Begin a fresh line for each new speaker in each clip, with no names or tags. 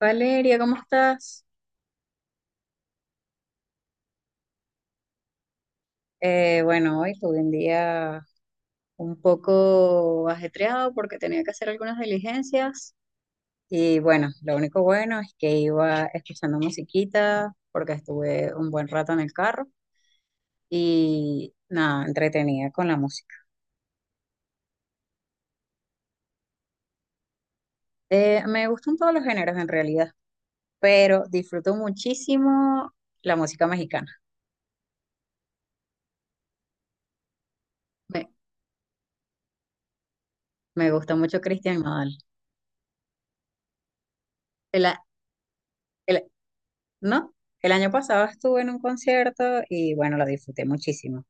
Valeria, ¿cómo estás? Bueno, hoy tuve un día un poco ajetreado porque tenía que hacer algunas diligencias y bueno, lo único bueno es que iba escuchando musiquita porque estuve un buen rato en el carro y nada, entretenida con la música. Me gustan todos los géneros en realidad, pero disfruto muchísimo la música mexicana. Me, me gusta mucho Cristian Nodal. El, No, el año pasado estuve en un concierto y bueno, lo disfruté muchísimo.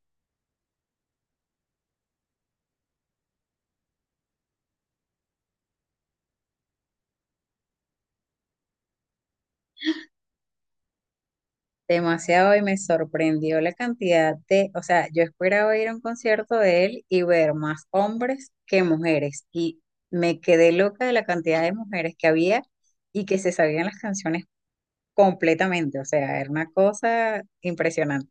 Demasiado, y me sorprendió la cantidad de, o sea, yo esperaba ir a un concierto de él y ver más hombres que mujeres, y me quedé loca de la cantidad de mujeres que había y que se sabían las canciones completamente, o sea, era una cosa impresionante.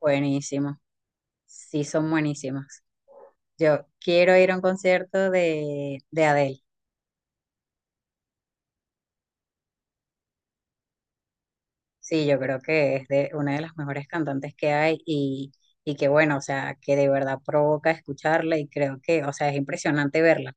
Buenísimo, sí son buenísimos. Yo quiero ir a un concierto de Adele. Sí, yo creo que es de una de las mejores cantantes que hay, y que bueno, o sea, que de verdad provoca escucharla y creo que, o sea, es impresionante verla.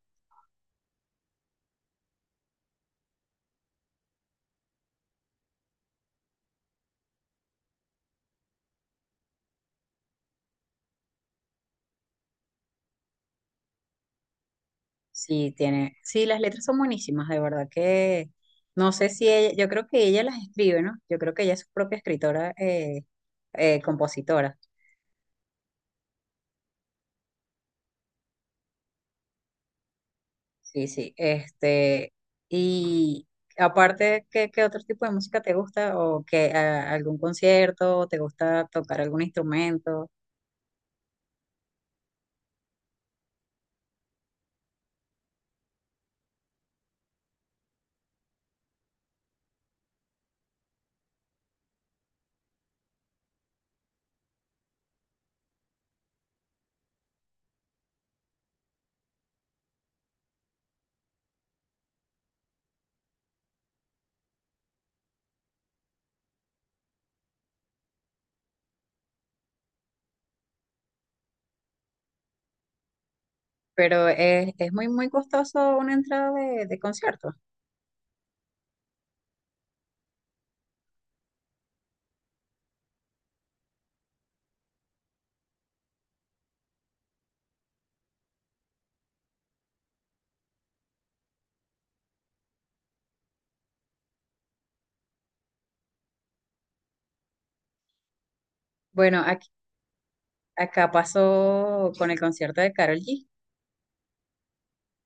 Sí, tiene, sí, las letras son buenísimas, de verdad que no sé si ella, yo creo que ella las escribe, ¿no? Yo creo que ella es su propia escritora, compositora. Sí, sí, este, y aparte, ¿qué, qué otro tipo de música te gusta? ¿O que algún concierto? ¿Te gusta tocar algún instrumento? Pero es muy, muy costoso una entrada de concierto. Bueno, aquí- Acá pasó con el concierto de Karol G,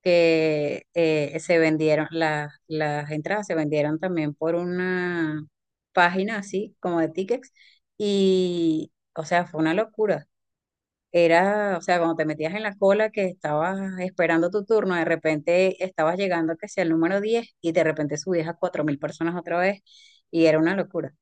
que se vendieron, las entradas se vendieron también por una página así, como de tickets, y, o sea, fue una locura. Era, o sea, cuando te metías en la cola que estabas esperando tu turno, de repente estabas llegando que sea el número 10, y de repente subías a 4.000 personas otra vez, y era una locura.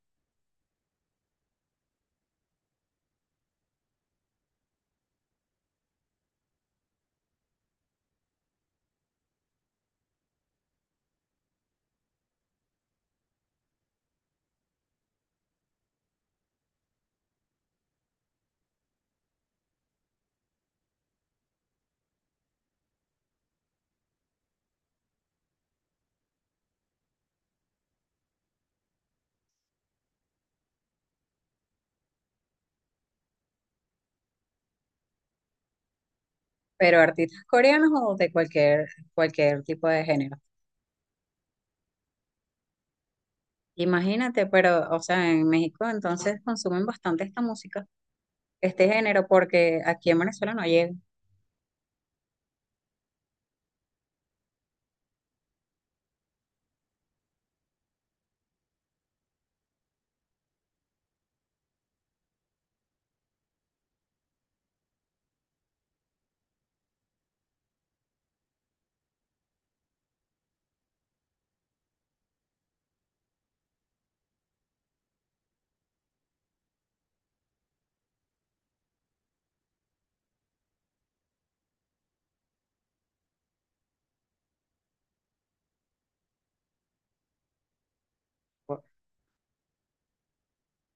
Pero artistas coreanos o de cualquier, cualquier tipo de género. Imagínate, pero, o sea, en México entonces consumen bastante esta música, este género, porque aquí en Venezuela no llega.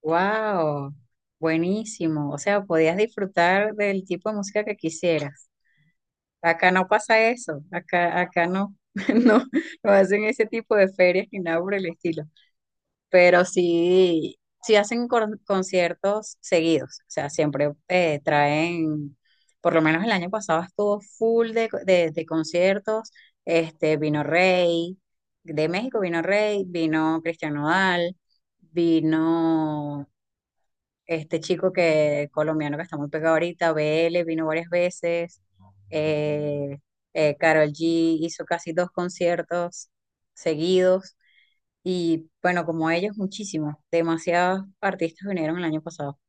¡Wow! Buenísimo. O sea, podías disfrutar del tipo de música que quisieras. Acá no pasa eso. Acá, acá no, no, no hacen ese tipo de ferias ni nada por el estilo. Pero sí, sí hacen conciertos seguidos, o sea, siempre traen, por lo menos el año pasado estuvo full de, de conciertos, este, vino Rey, de México vino Rey, vino Cristian Nodal, vino este chico que, colombiano que está muy pegado ahorita, BL, vino varias veces, eh, Karol G hizo casi dos conciertos seguidos. Y bueno, como ellos, muchísimos, demasiados artistas vinieron el año pasado.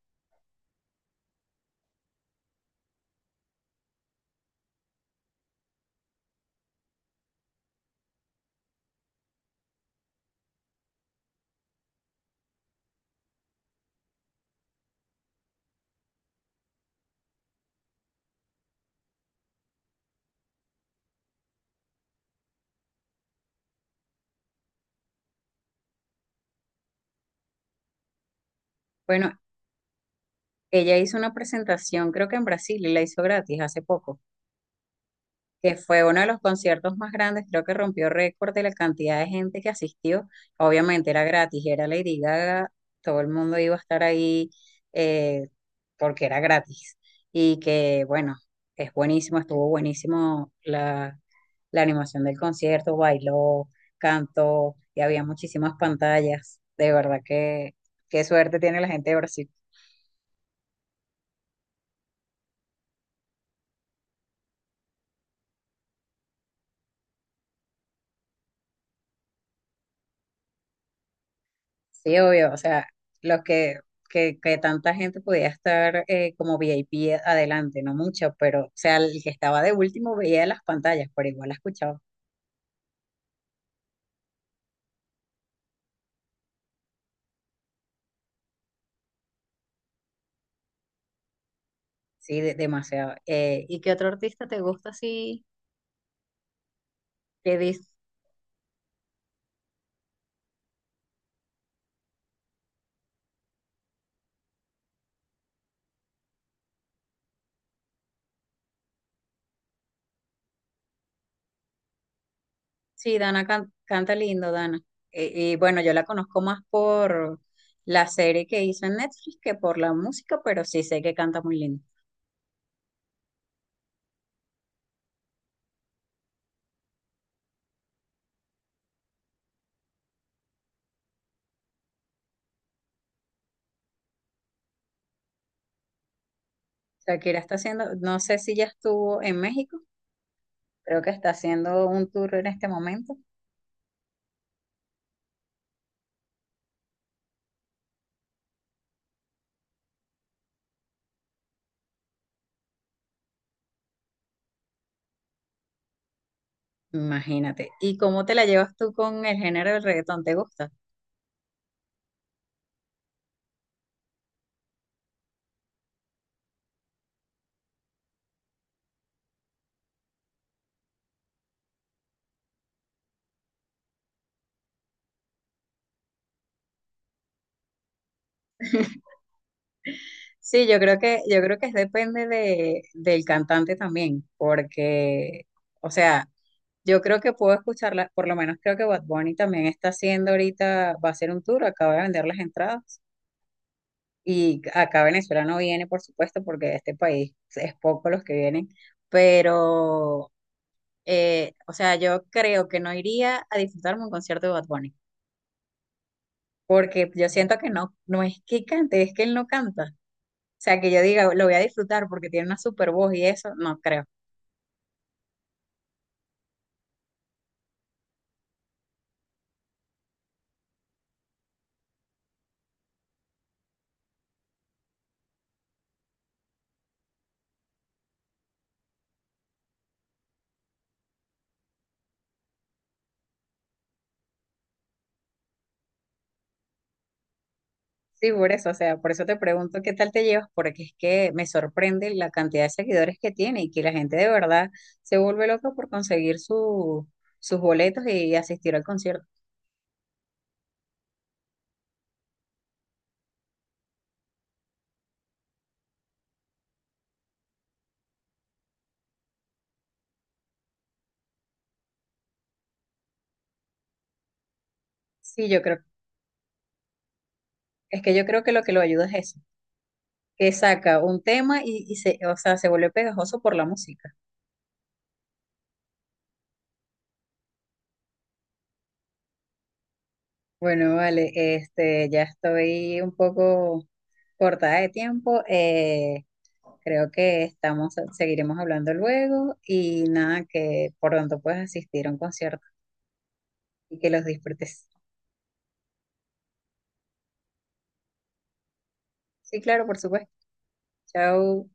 Bueno, ella hizo una presentación, creo que en Brasil, y la hizo gratis hace poco. Que fue uno de los conciertos más grandes, creo que rompió récord de la cantidad de gente que asistió. Obviamente era gratis, era Lady Gaga, todo el mundo iba a estar ahí eh, porque era gratis. Y que bueno, es buenísimo, estuvo buenísimo la, la animación del concierto, bailó, cantó, y había muchísimas pantallas. De verdad que qué suerte tiene la gente de Brasil. Sí, obvio, o sea, los que, que tanta gente podía estar como V I P adelante, no mucho, pero, o sea, el que estaba de último veía las pantallas, pero igual la escuchaba, sí, demasiado. ¿Y qué otro artista te gusta así? Que dice, sí, Dana canta lindo, Dana. Y bueno, yo la conozco más por la serie que hizo en Netflix que por la música, pero sí sé que canta muy lindo. Shakira está haciendo, no sé si ya estuvo en México, creo que está haciendo un tour en este momento. Imagínate. ¿Y cómo te la llevas tú con el género del reggaetón? ¿Te gusta? Sí, yo creo que es depende del cantante también, porque, o sea, yo creo que puedo escucharla, por lo menos creo que Bad Bunny también está haciendo ahorita, va a hacer un tour, acaba de vender las entradas. Y acá Venezuela no viene, por supuesto, porque de este país es poco los que vienen, pero, o sea, yo creo que no iría a disfrutarme un concierto de Bad Bunny. Porque yo siento que no, no es que cante, es que él no canta. O sea, que yo diga, lo voy a disfrutar porque tiene una super voz y eso, no creo. Sí, por eso, o sea, por eso te pregunto qué tal te llevas, porque es que me sorprende la cantidad de seguidores que tiene y que la gente de verdad se vuelve loca por conseguir sus boletos y asistir al concierto. Sí, yo creo, es que yo creo que lo ayuda es eso, que saca un tema y o sea, se vuelve pegajoso por la música. Bueno, vale, este, ya estoy un poco cortada de tiempo. Creo que estamos, seguiremos hablando luego y nada, que por pronto puedas asistir a un concierto y que los disfrutes. Sí, claro, por supuesto. Chao.